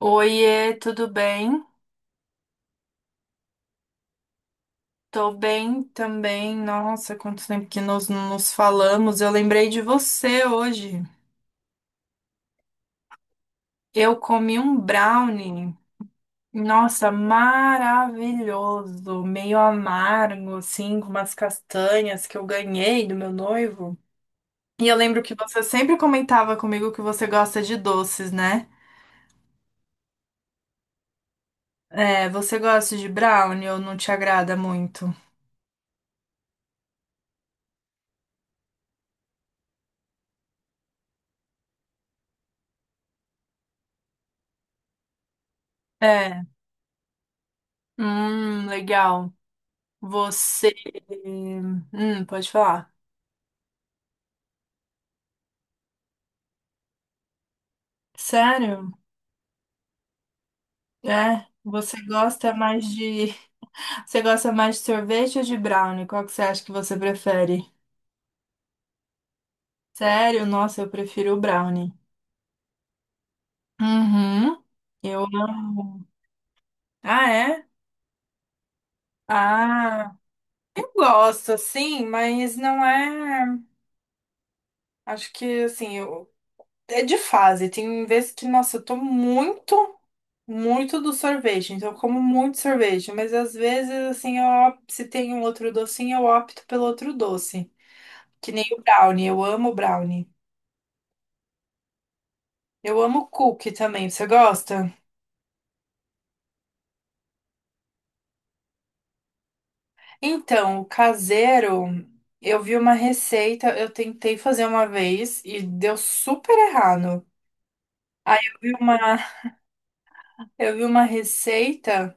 Oiê, tudo bem? Tô bem também. Nossa, quanto tempo que nós não nos falamos. Eu lembrei de você hoje. Eu comi um brownie. Nossa, maravilhoso, meio amargo, assim, com umas castanhas que eu ganhei do meu noivo. E eu lembro que você sempre comentava comigo que você gosta de doces, né? É, você gosta de brownie ou não te agrada muito? É. Legal. Você. Pode falar. Sério? É? Você gosta mais de. Você gosta mais de sorvete ou de brownie? Qual que você acha que você prefere? Sério? Nossa, eu prefiro o brownie. Uhum. Eu amo. Ah, é? Ah, eu gosto, assim, mas não é. Acho que, assim, eu é de fase. Tem vezes que, nossa, eu tô muito, muito do sorvete. Então, eu como muito sorvete. Mas às vezes, assim, eu, se tem um outro docinho, eu opto pelo outro doce. Que nem o brownie. Eu amo brownie. Eu amo cookie também. Você gosta? Então, o caseiro, eu vi uma receita, eu tentei fazer uma vez e deu super errado. Aí eu vi uma, eu vi uma receita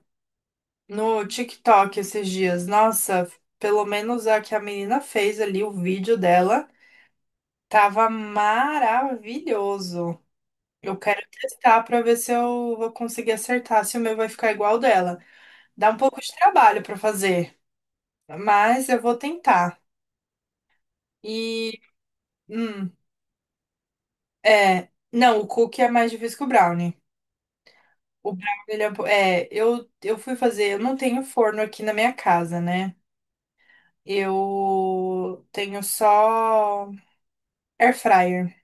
no TikTok esses dias. Nossa, pelo menos a que a menina fez ali, o vídeo dela, tava maravilhoso. Eu quero testar pra ver se eu vou conseguir acertar, se o meu vai ficar igual ao dela. Dá um pouco de trabalho pra fazer, mas eu vou tentar. E, hum, é, não, o cookie é mais difícil que o brownie. O brownie, ele é, é, eu fui fazer, eu não tenho forno aqui na minha casa, né? Eu tenho só air fryer.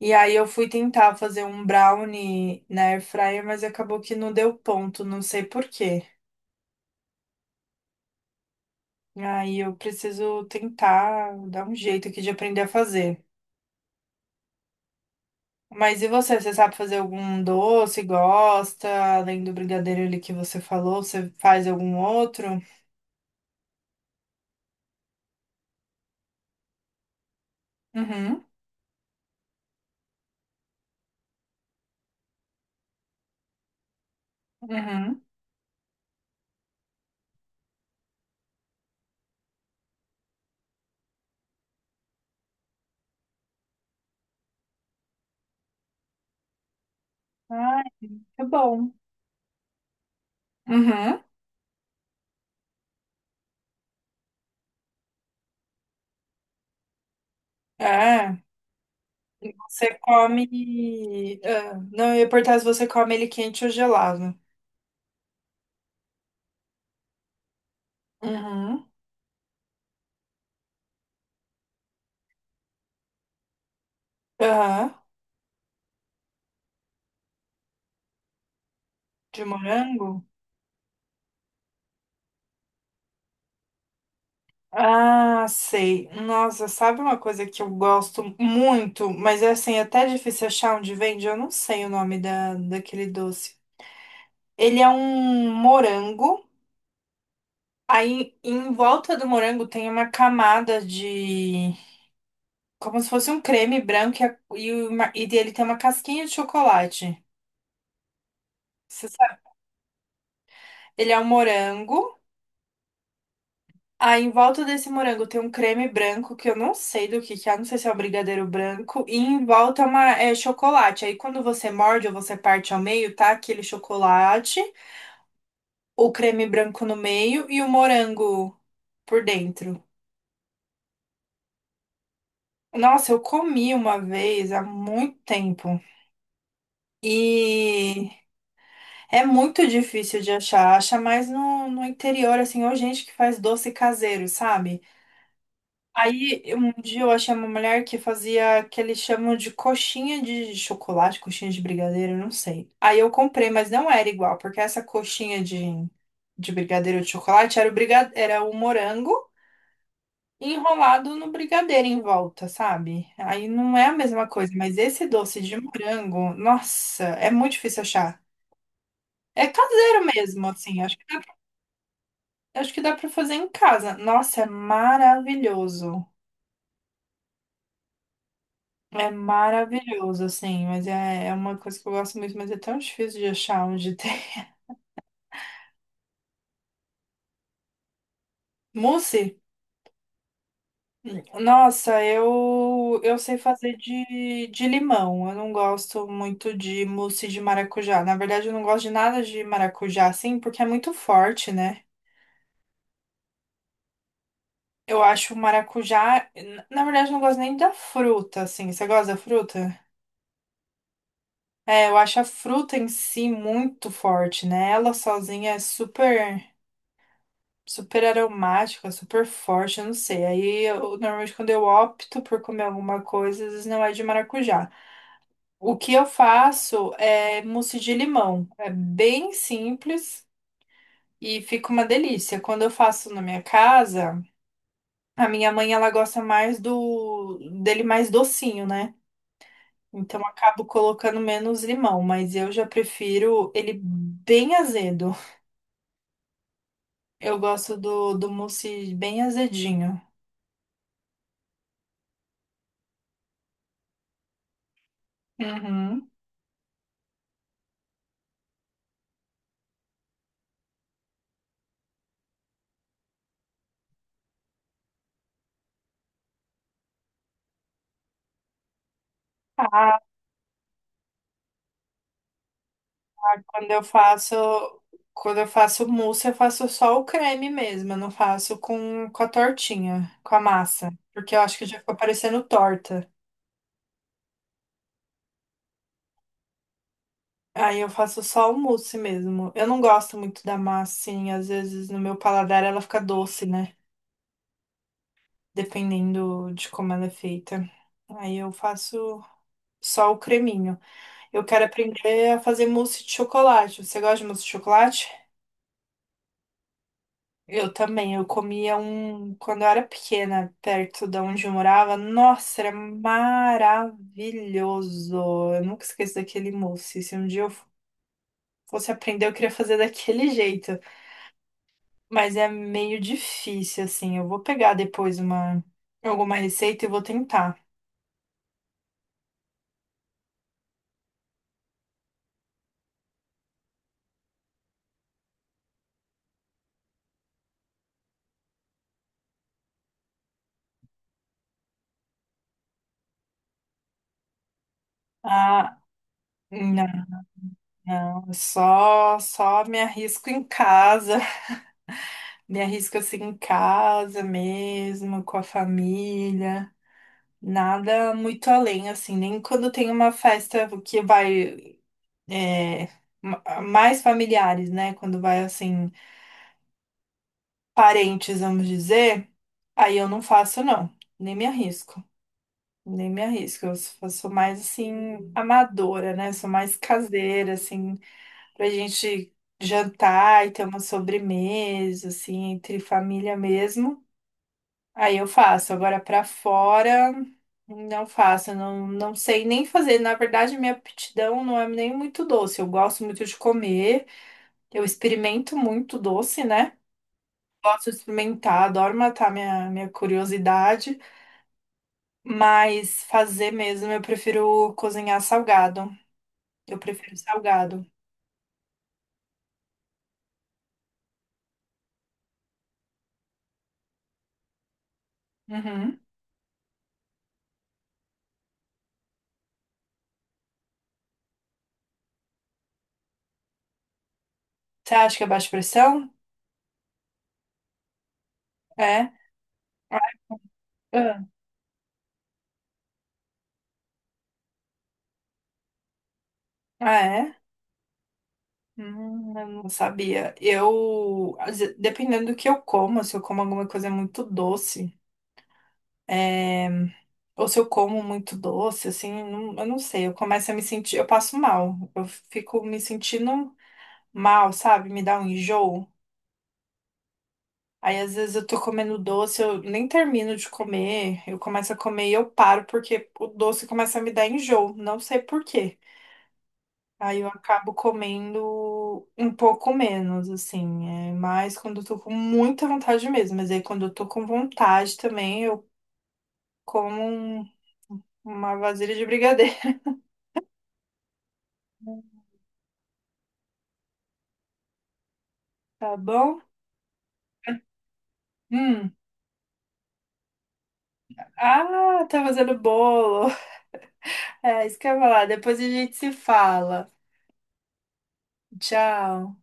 E aí eu fui tentar fazer um brownie na air fryer, mas acabou que não deu ponto, não sei por quê. Aí eu preciso tentar dar um jeito aqui de aprender a fazer. Mas e você? Você sabe fazer algum doce? Gosta? Além do brigadeiro ali que você falou, você faz algum outro? Uhum, uhum. Ai, é bom. Uhum. É, você come. Ah, não, eu ia perguntar se você come ele quente ou gelado. Uhum. Aham. De morango? Ah, sei. Nossa, sabe uma coisa que eu gosto muito, mas é assim, é até difícil achar onde vende? Eu não sei o nome daquele doce. Ele é um morango, aí em volta do morango tem uma camada de. Como se fosse um creme branco e ele tem uma casquinha de chocolate. Você sabe? Ele é um morango. Aí em volta desse morango tem um creme branco que eu não sei do que é, não sei se é o brigadeiro branco, e em volta é uma, é chocolate. Aí quando você morde ou você parte ao meio, tá aquele chocolate, o creme branco no meio e o morango por dentro. Nossa, eu comi uma vez há muito tempo e é muito difícil de achar. Acha mais no interior, assim, ou gente que faz doce caseiro, sabe? Aí, um dia eu achei uma mulher que fazia que eles chamam de coxinha de chocolate, coxinha de brigadeiro, eu não sei. Aí eu comprei, mas não era igual, porque essa de brigadeiro de chocolate era era o morango enrolado no brigadeiro em volta, sabe? Aí não é a mesma coisa, mas esse doce de morango, nossa, é muito difícil achar. É caseiro mesmo, assim, acho que dá pra fazer em casa. Nossa, é maravilhoso. É maravilhoso, assim, mas é uma coisa que eu gosto muito, mas é tão difícil de achar onde tem. Mousse? Nossa, eu sei fazer de limão. Eu não gosto muito de mousse de maracujá. Na verdade, eu não gosto de nada de maracujá, assim, porque é muito forte, né? Eu acho o maracujá. Na verdade, eu não gosto nem da fruta, assim. Você gosta da fruta? É, eu acho a fruta em si muito forte, né? Ela sozinha é super. Super aromática, super forte, eu não sei. Aí, eu, normalmente, quando eu opto por comer alguma coisa, às vezes não é de maracujá. O que eu faço é mousse de limão. É bem simples e fica uma delícia. Quando eu faço na minha casa, a minha mãe, ela gosta mais do dele mais docinho, né? Então, eu acabo colocando menos limão, mas eu já prefiro ele bem azedo. Eu gosto do mousse bem azedinho. Uhum. Quando eu faço, quando eu faço mousse, eu faço só o creme mesmo, eu não faço com a tortinha, com a massa, porque eu acho que já ficou parecendo torta. Aí eu faço só o mousse mesmo. Eu não gosto muito da massa, assim, às vezes no meu paladar ela fica doce, né? Dependendo de como ela é feita. Aí eu faço só o creminho. Eu quero aprender a fazer mousse de chocolate. Você gosta de mousse de chocolate? Eu também, eu comia um quando eu era pequena, perto de onde eu morava. Nossa, era maravilhoso. Eu nunca esqueço daquele mousse. Se um dia eu fosse aprender, eu queria fazer daquele jeito. Mas é meio difícil, assim. Eu vou pegar depois uma alguma receita e vou tentar. Ah, não, não. Só me arrisco em casa. Me arrisco assim em casa mesmo, com a família. Nada muito além, assim, nem quando tem uma festa que vai é, mais familiares, né? Quando vai assim, parentes, vamos dizer, aí eu não faço, não, nem me arrisco, nem me arrisco. Eu sou mais assim, amadora, né? Sou mais caseira, assim, pra gente jantar e ter uma sobremesa, assim, entre família mesmo. Aí eu faço. Agora pra fora, não faço. Não, não sei nem fazer. Na verdade, minha aptidão não é nem muito doce. Eu gosto muito de comer. Eu experimento muito doce, né? Gosto de experimentar, adoro matar minha curiosidade. Mas fazer mesmo, eu prefiro cozinhar salgado. Eu prefiro salgado. Uhum. Você acha que é baixa pressão? É. Ah, ah, é? Eu não sabia. Eu, dependendo do que eu como, se eu como alguma coisa muito doce, é, ou se eu como muito doce, assim, eu não sei, eu começo a me sentir, eu passo mal, eu fico me sentindo mal, sabe? Me dá um enjoo. Aí, às vezes, eu tô comendo doce, eu nem termino de comer, eu começo a comer e eu paro, porque o doce começa a me dar enjoo, não sei por quê. Aí eu acabo comendo um pouco menos, assim. É mais quando eu tô com muita vontade mesmo. Mas aí quando eu tô com vontade também, eu como um- uma vasilha de brigadeiro, tá bom? Hum. Ah, tá fazendo bolo. É, isso que eu ia falar. Depois a gente se fala. Tchau.